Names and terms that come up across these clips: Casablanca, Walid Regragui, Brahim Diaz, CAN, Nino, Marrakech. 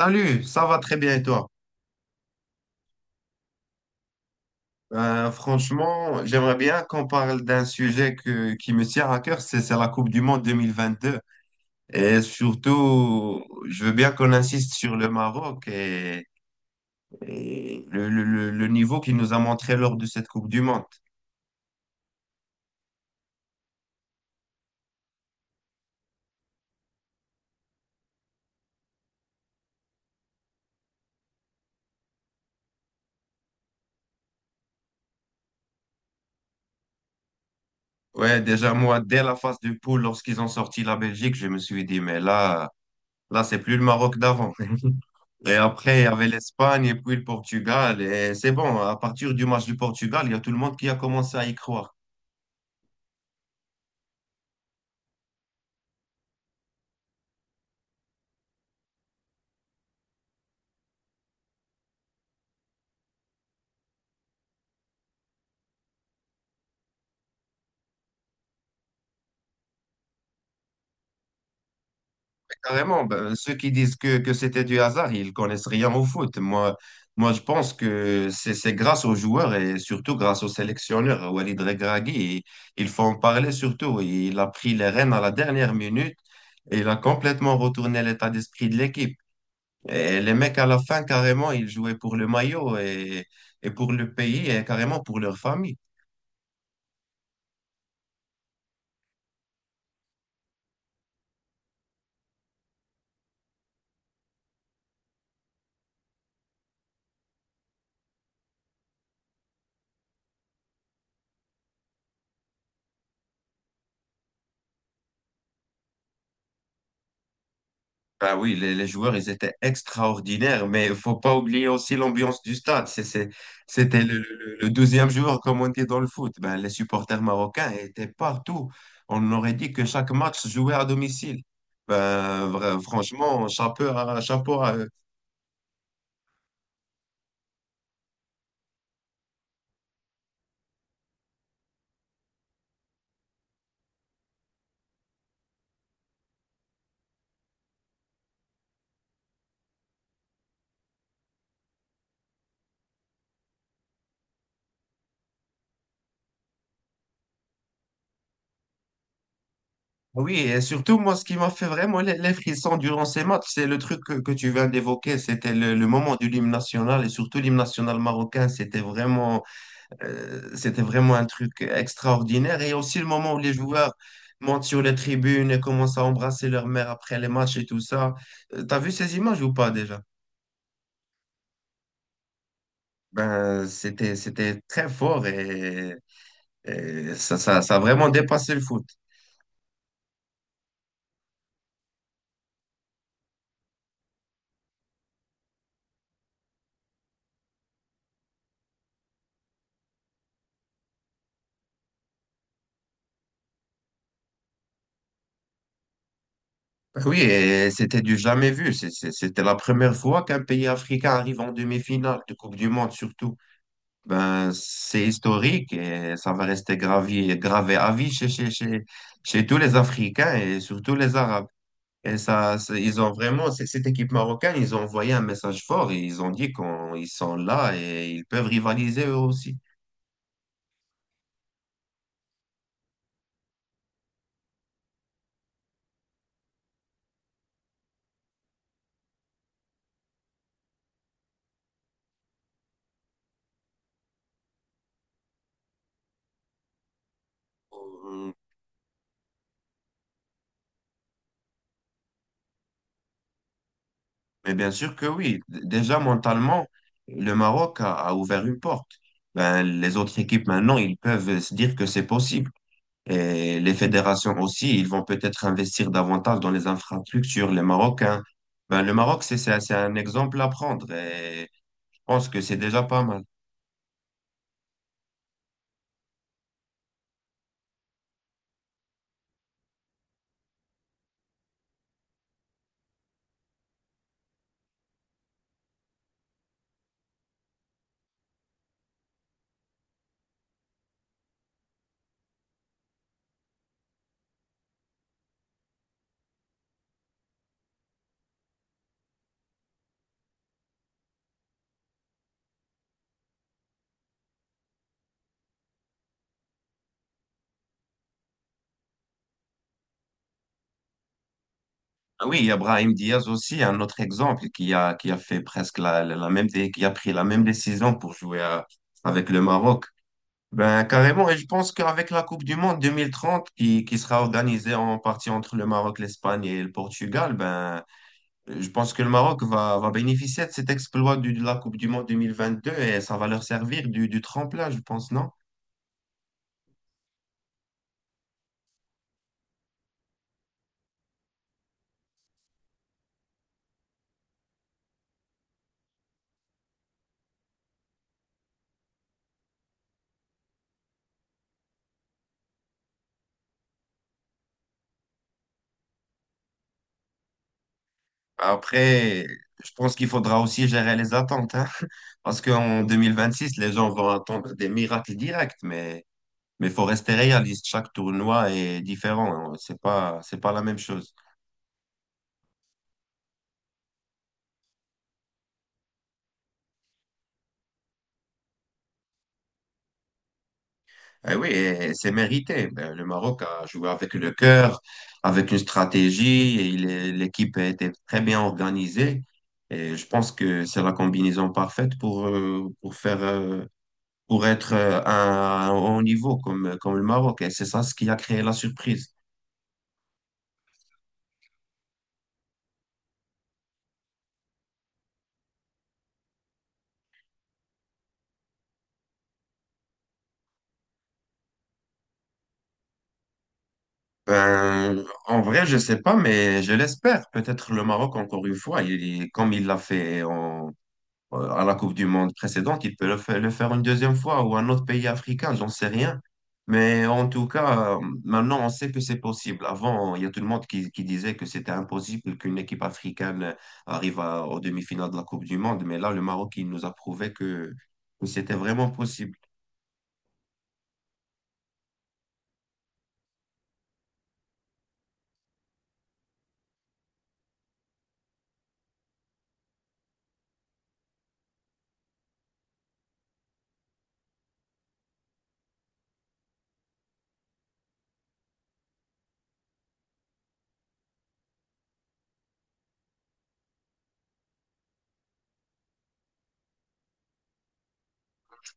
Salut, ça va très bien et toi? Franchement, j'aimerais bien qu'on parle d'un sujet qui me tient à cœur, c'est la Coupe du Monde 2022. Et surtout, je veux bien qu'on insiste sur le Maroc et le niveau qu'il nous a montré lors de cette Coupe du Monde. Ouais, déjà moi, dès la phase de poule, lorsqu'ils ont sorti la Belgique, je me suis dit, mais là, c'est plus le Maroc d'avant. Et après, il y avait l'Espagne et puis le Portugal. Et c'est bon, à partir du match du Portugal, il y a tout le monde qui a commencé à y croire. Carrément, ben, ceux qui disent que c'était du hasard, ils connaissent rien au foot. Moi, je pense que c'est grâce aux joueurs et surtout grâce au sélectionneur, Walid Regragui. Il faut en parler surtout. Il a pris les rênes à la dernière minute et il a complètement retourné l'état d'esprit de l'équipe. Et les mecs, à la fin, carrément, ils jouaient pour le maillot et pour le pays et carrément pour leur famille. Ben oui, les joueurs, ils étaient extraordinaires, mais il faut pas oublier aussi l'ambiance du stade. C'était le deuxième jour comme on dit dans le foot. Ben, les supporters marocains étaient partout. On aurait dit que chaque match se jouait à domicile. Ben, franchement, chapeau chapeau à eux. Ah oui, et surtout, moi, ce qui m'a fait vraiment les frissons durant ces matchs, c'est le truc que tu viens d'évoquer. C'était le moment du hymne national et surtout l'hymne national marocain. C'était vraiment... C'était vraiment un truc extraordinaire. Et aussi le moment où les joueurs montent sur les tribunes et commencent à embrasser leur mère après les matchs et tout ça. T'as vu ces images ou pas déjà? Ben, c'était très fort et ça a vraiment dépassé le foot. Ben oui, et c'était du jamais vu. C'était la première fois qu'un pays africain arrive en demi-finale de Coupe du Monde, surtout. Ben, c'est historique et ça va rester gravé à vie chez tous les Africains et surtout les Arabes. Et ça, ils ont vraiment, cette équipe marocaine, ils ont envoyé un message fort et ils ont dit qu'ils sont là et ils peuvent rivaliser eux aussi. Euh, Mais bien sûr que oui, déjà mentalement, le Maroc a ouvert une porte. Ben, les autres équipes maintenant, ils peuvent se dire que c'est possible. Et les fédérations aussi, ils vont peut-être investir davantage dans les infrastructures. Les Marocains, ben, le Maroc, c'est un exemple à prendre et je pense que c'est déjà pas mal. Ah oui, il y a Brahim Diaz aussi, un autre exemple qui a fait presque la même, qui a pris la même décision pour avec le Maroc. Ben, carrément, et je pense qu'avec la Coupe du Monde 2030 qui sera organisée en partie entre le Maroc, l'Espagne et le Portugal, ben, je pense que le Maroc va bénéficier de cet exploit de la Coupe du Monde 2022 et ça va leur servir du tremplin, je pense, non? Après, je pense qu'il faudra aussi gérer les attentes, hein, parce qu'en 2026, les gens vont attendre des miracles directs, mais faut rester réaliste. Chaque tournoi est différent, hein. C'est pas la même chose. Eh oui, et c'est mérité. Ben, le Maroc a joué avec le cœur, avec une stratégie, et l'équipe a été très bien organisée. Et je pense que c'est la combinaison parfaite pour faire, pour être à un haut niveau comme le Maroc. Et c'est ça ce qui a créé la surprise. Ben, en vrai, je sais pas, mais je l'espère. Peut-être le Maroc, encore une fois, comme il l'a fait en à la Coupe du Monde précédente, il peut le faire une deuxième fois ou un autre pays africain, j'en sais rien. Mais en tout cas, maintenant, on sait que c'est possible. Avant, il y a tout le monde qui disait que c'était impossible qu'une équipe africaine aux demi-finales de la Coupe du Monde. Mais là, le Maroc, il nous a prouvé que c'était vraiment possible.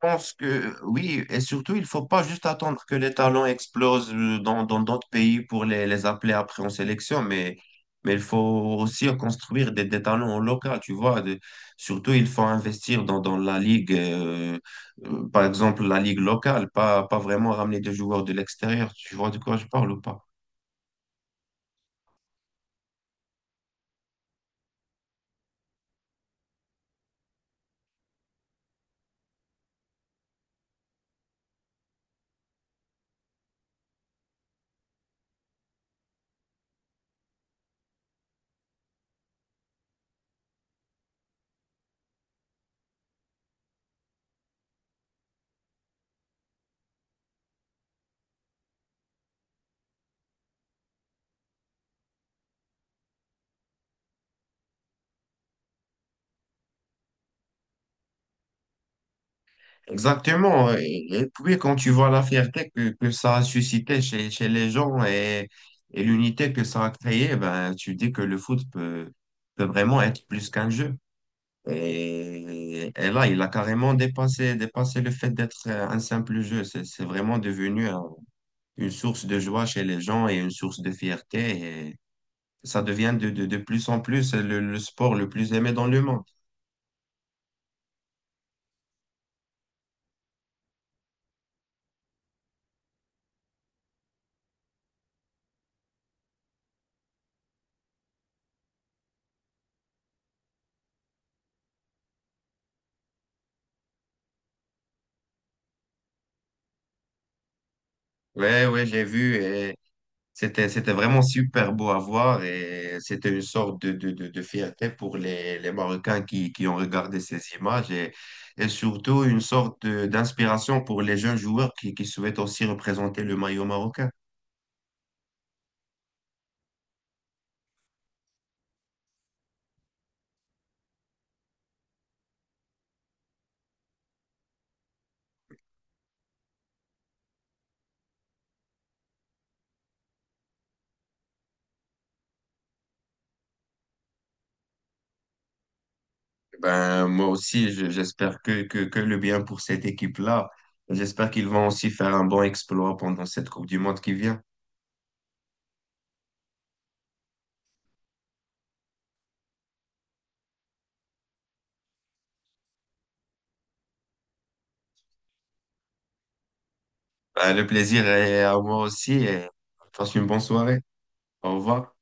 Pense que oui, et surtout, il faut pas juste attendre que les talents explosent dans d'autres pays pour les appeler après en sélection, mais il faut aussi construire des talents au local, tu vois. Surtout, il faut investir dans la ligue, par exemple, la ligue locale, pas vraiment ramener des joueurs de l'extérieur, tu vois de quoi je parle ou pas? Exactement. Et puis, quand tu vois la fierté que ça a suscité chez les gens et l'unité que ça a créé, ben, tu dis que le foot peut vraiment être plus qu'un jeu. Et là, il a carrément dépassé le fait d'être un simple jeu. C'est vraiment devenu une source de joie chez les gens et une source de fierté. Et ça devient de plus en plus le sport le plus aimé dans le monde. Ouais, ouais, j'ai vu. C'était vraiment super beau à voir et c'était une sorte de fierté pour les Marocains qui ont regardé ces images et surtout une sorte d'inspiration pour les jeunes joueurs qui souhaitent aussi représenter le maillot marocain. Ben, moi aussi, j'espère que le bien pour cette équipe-là. J'espère qu'ils vont aussi faire un bon exploit pendant cette Coupe du Monde qui vient. Ben, le plaisir est à moi aussi et passe une bonne soirée. Au revoir.